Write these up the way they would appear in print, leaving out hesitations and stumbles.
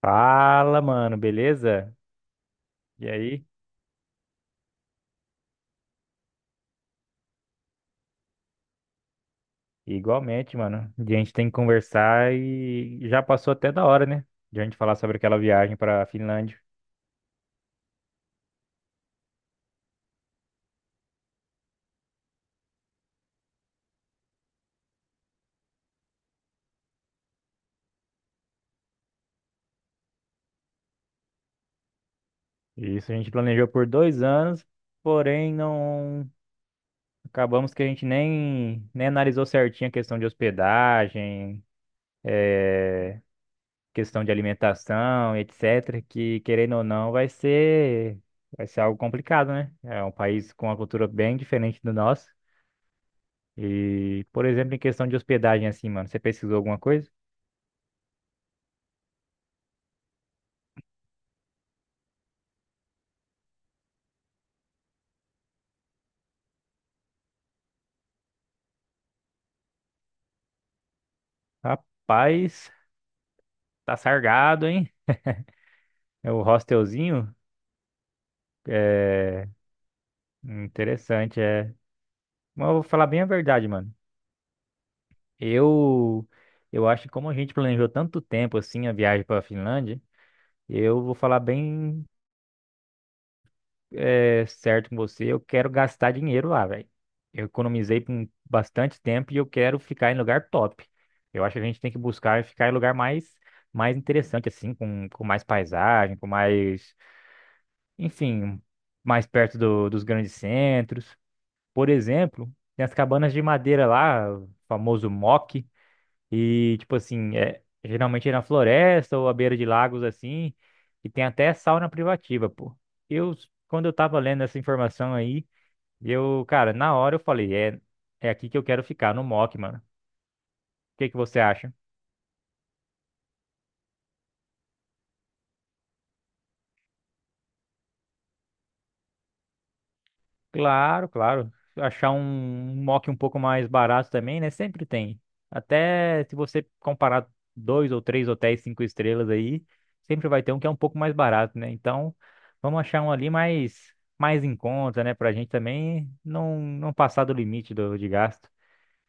Fala, mano, beleza? E aí? Igualmente, mano. A gente tem que conversar e já passou até da hora, né? De a gente falar sobre aquela viagem para a Finlândia. Isso a gente planejou por 2 anos, porém não acabamos que a gente nem analisou certinho a questão de hospedagem, questão de alimentação, etc. Que querendo ou não, vai ser algo complicado, né? É um país com uma cultura bem diferente do nosso. E, por exemplo, em questão de hospedagem, assim, mano, você pesquisou alguma coisa? Rapaz, tá sargado, hein? É o hostelzinho. É interessante, é. Mas eu vou falar bem a verdade, mano. Eu, eu acho que como a gente planejou tanto tempo assim a viagem pra Finlândia, eu vou falar bem certo com você, eu quero gastar dinheiro lá, velho. Eu economizei por bastante tempo e eu quero ficar em lugar top. Eu acho que a gente tem que buscar ficar em lugar mais interessante, assim, com mais paisagem, com mais, enfim, mais perto dos grandes centros. Por exemplo, tem as cabanas de madeira lá, o famoso mock. E, tipo assim, geralmente é na floresta ou à beira de lagos assim, e tem até sauna privativa, pô. Eu, quando eu tava lendo essa informação aí, eu, cara, na hora eu falei, é aqui que eu quero ficar, no Mock, mano. O que que você acha? Claro, claro. Achar um mock um pouco mais barato também, né? Sempre tem. Até se você comparar dois ou três hotéis cinco estrelas aí, sempre vai ter um que é um pouco mais barato, né? Então, vamos achar um ali mais em conta, né? Pra gente também não passar do limite de gasto.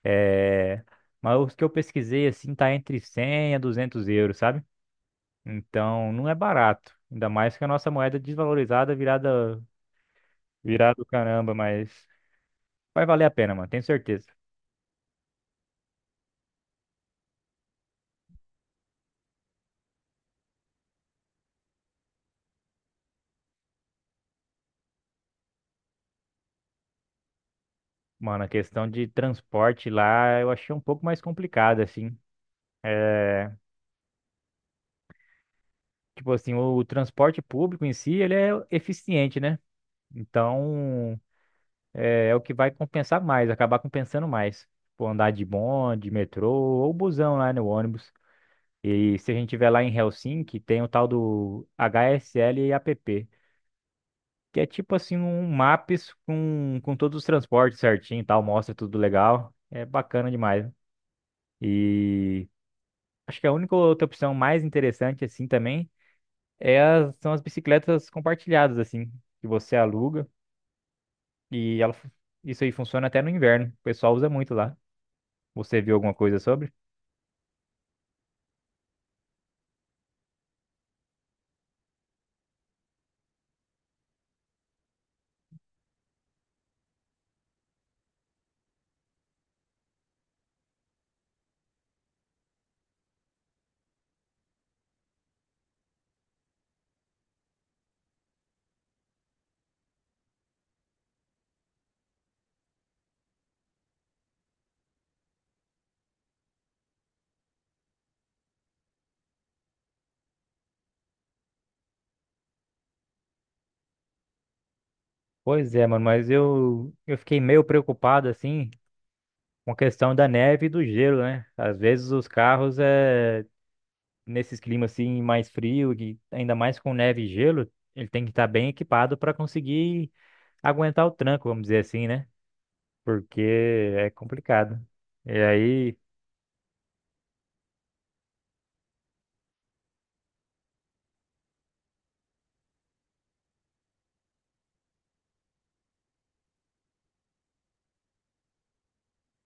É... Mas os que eu pesquisei, assim, tá entre 100 a €200, sabe? Então, não é barato. Ainda mais que a nossa moeda desvalorizada virada... Virado caramba, mas vai valer a pena, mano, tenho certeza. Mano, a questão de transporte lá eu achei um pouco mais complicada, assim. É, tipo assim, o, transporte público em si, ele é eficiente, né? Então, é o que vai compensar mais, acabar compensando mais. Tipo, andar de bonde, metrô ou busão lá no ônibus. E se a gente tiver lá em Helsinki, tem o tal do HSL e app, que é tipo assim um maps com todos os transportes certinho e tal, mostra tudo legal. É bacana demais. E acho que a única outra opção mais interessante, assim, também, são as bicicletas compartilhadas, assim, que você aluga e ela, fu- isso aí funciona até no inverno. O pessoal usa muito lá. Você viu alguma coisa sobre? Pois é, mano, mas eu fiquei meio preocupado, assim, com a questão da neve e do gelo, né? Às vezes os carros, nesses climas, assim, mais frio, e ainda mais com neve e gelo, ele tem que estar bem equipado para conseguir aguentar o tranco, vamos dizer assim, né? Porque é complicado. E aí,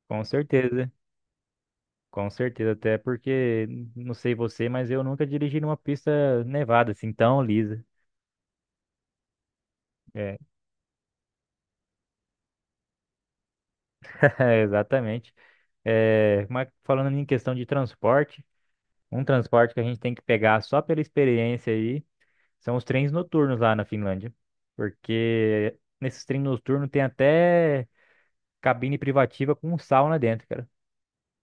com certeza, com certeza, até porque, não sei você, mas eu nunca dirigi numa pista nevada, assim, tão lisa. É, é, exatamente. É, mas falando em questão de transporte, um transporte que a gente tem que pegar só pela experiência aí são os trens noturnos lá na Finlândia. Porque nesses trens noturnos tem até cabine privativa com sauna dentro, cara.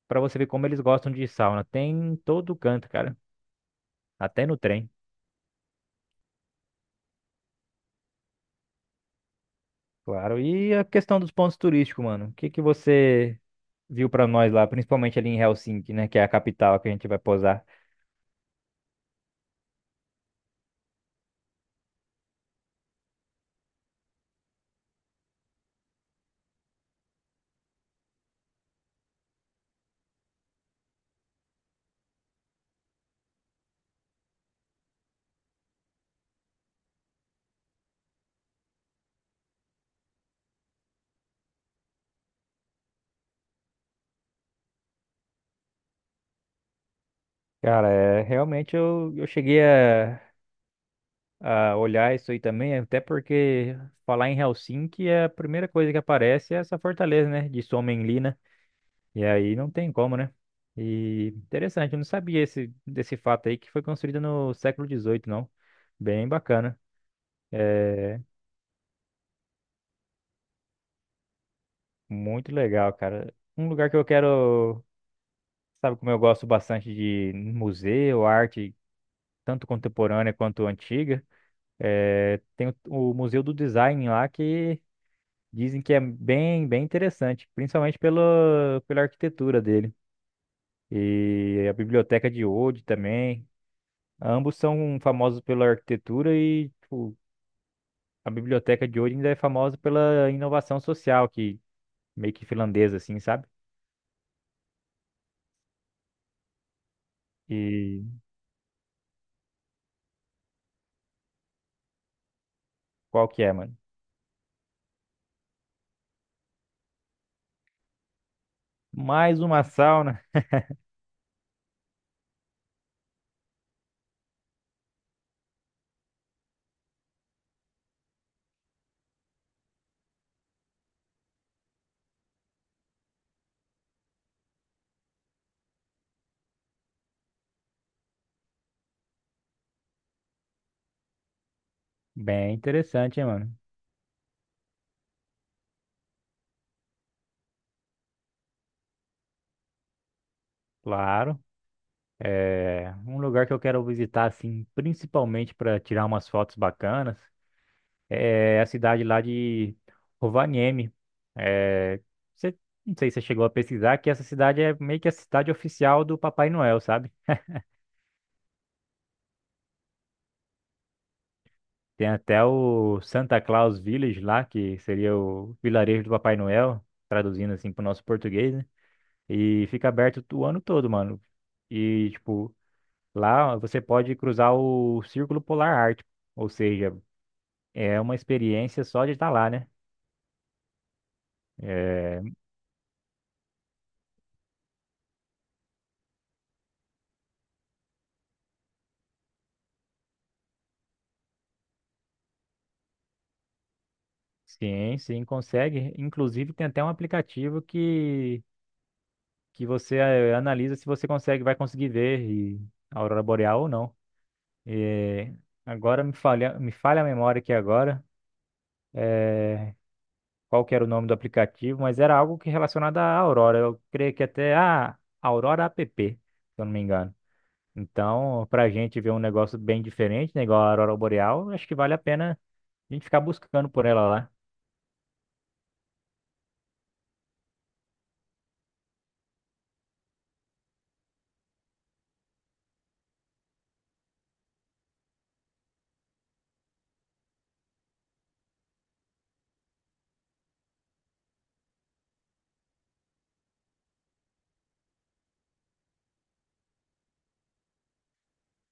Pra você ver como eles gostam de sauna. Tem em todo canto, cara. Até no trem, claro. E a questão dos pontos turísticos, mano. O que que você viu pra nós lá, principalmente ali em Helsinki, né, que é a capital que a gente vai posar? Cara, é, realmente eu cheguei a olhar isso aí também, até porque falar em Helsinki, é a primeira coisa que aparece é essa fortaleza, né, de Suomenlinna. E aí não tem como, né? E interessante, eu não sabia desse fato aí que foi construída no século XVIII, não. Bem bacana. É, muito legal, cara. Um lugar que eu quero, sabe como eu gosto bastante de museu, arte, tanto contemporânea quanto antiga, é, tem o Museu do Design lá que dizem que é bem, bem interessante, principalmente pela arquitetura dele. E a Biblioteca de Old também. Ambos são famosos pela arquitetura e, tipo, a Biblioteca de Old ainda é famosa pela inovação social, que meio que finlandesa, assim, sabe? E qual que é, mano? Mais uma sauna. Bem interessante, hein, mano? Claro. É um lugar que eu quero visitar, assim, principalmente para tirar umas fotos bacanas. É a cidade lá de Rovaniemi. É, você, não sei se você chegou a pesquisar, que essa cidade é meio que a cidade oficial do Papai Noel, sabe? Tem até o Santa Claus Village lá, que seria o vilarejo do Papai Noel, traduzindo assim para o nosso português, né? E fica aberto o ano todo, mano. E, tipo, lá você pode cruzar o Círculo Polar Ártico, ou seja, é uma experiência só de estar lá, né? É, sim, sim, consegue. Inclusive tem até um aplicativo que você analisa se você consegue, vai conseguir ver a aurora boreal ou não. É, agora me falha a memória aqui agora. é, Qual que era o nome do aplicativo, mas era algo que relacionado à aurora. Eu creio que até a Aurora app, se eu não me engano. Então, para a gente ver um negócio bem diferente, né, igual a Aurora Boreal, acho que vale a pena a gente ficar buscando por ela lá.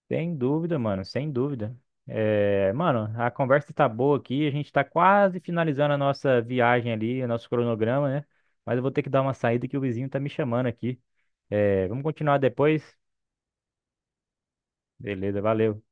Sem dúvida, mano, sem dúvida. É, mano, a conversa tá boa aqui, a gente tá quase finalizando a nossa viagem ali, o nosso cronograma, né? Mas eu vou ter que dar uma saída que o vizinho tá me chamando aqui. É, vamos continuar depois? Beleza, valeu.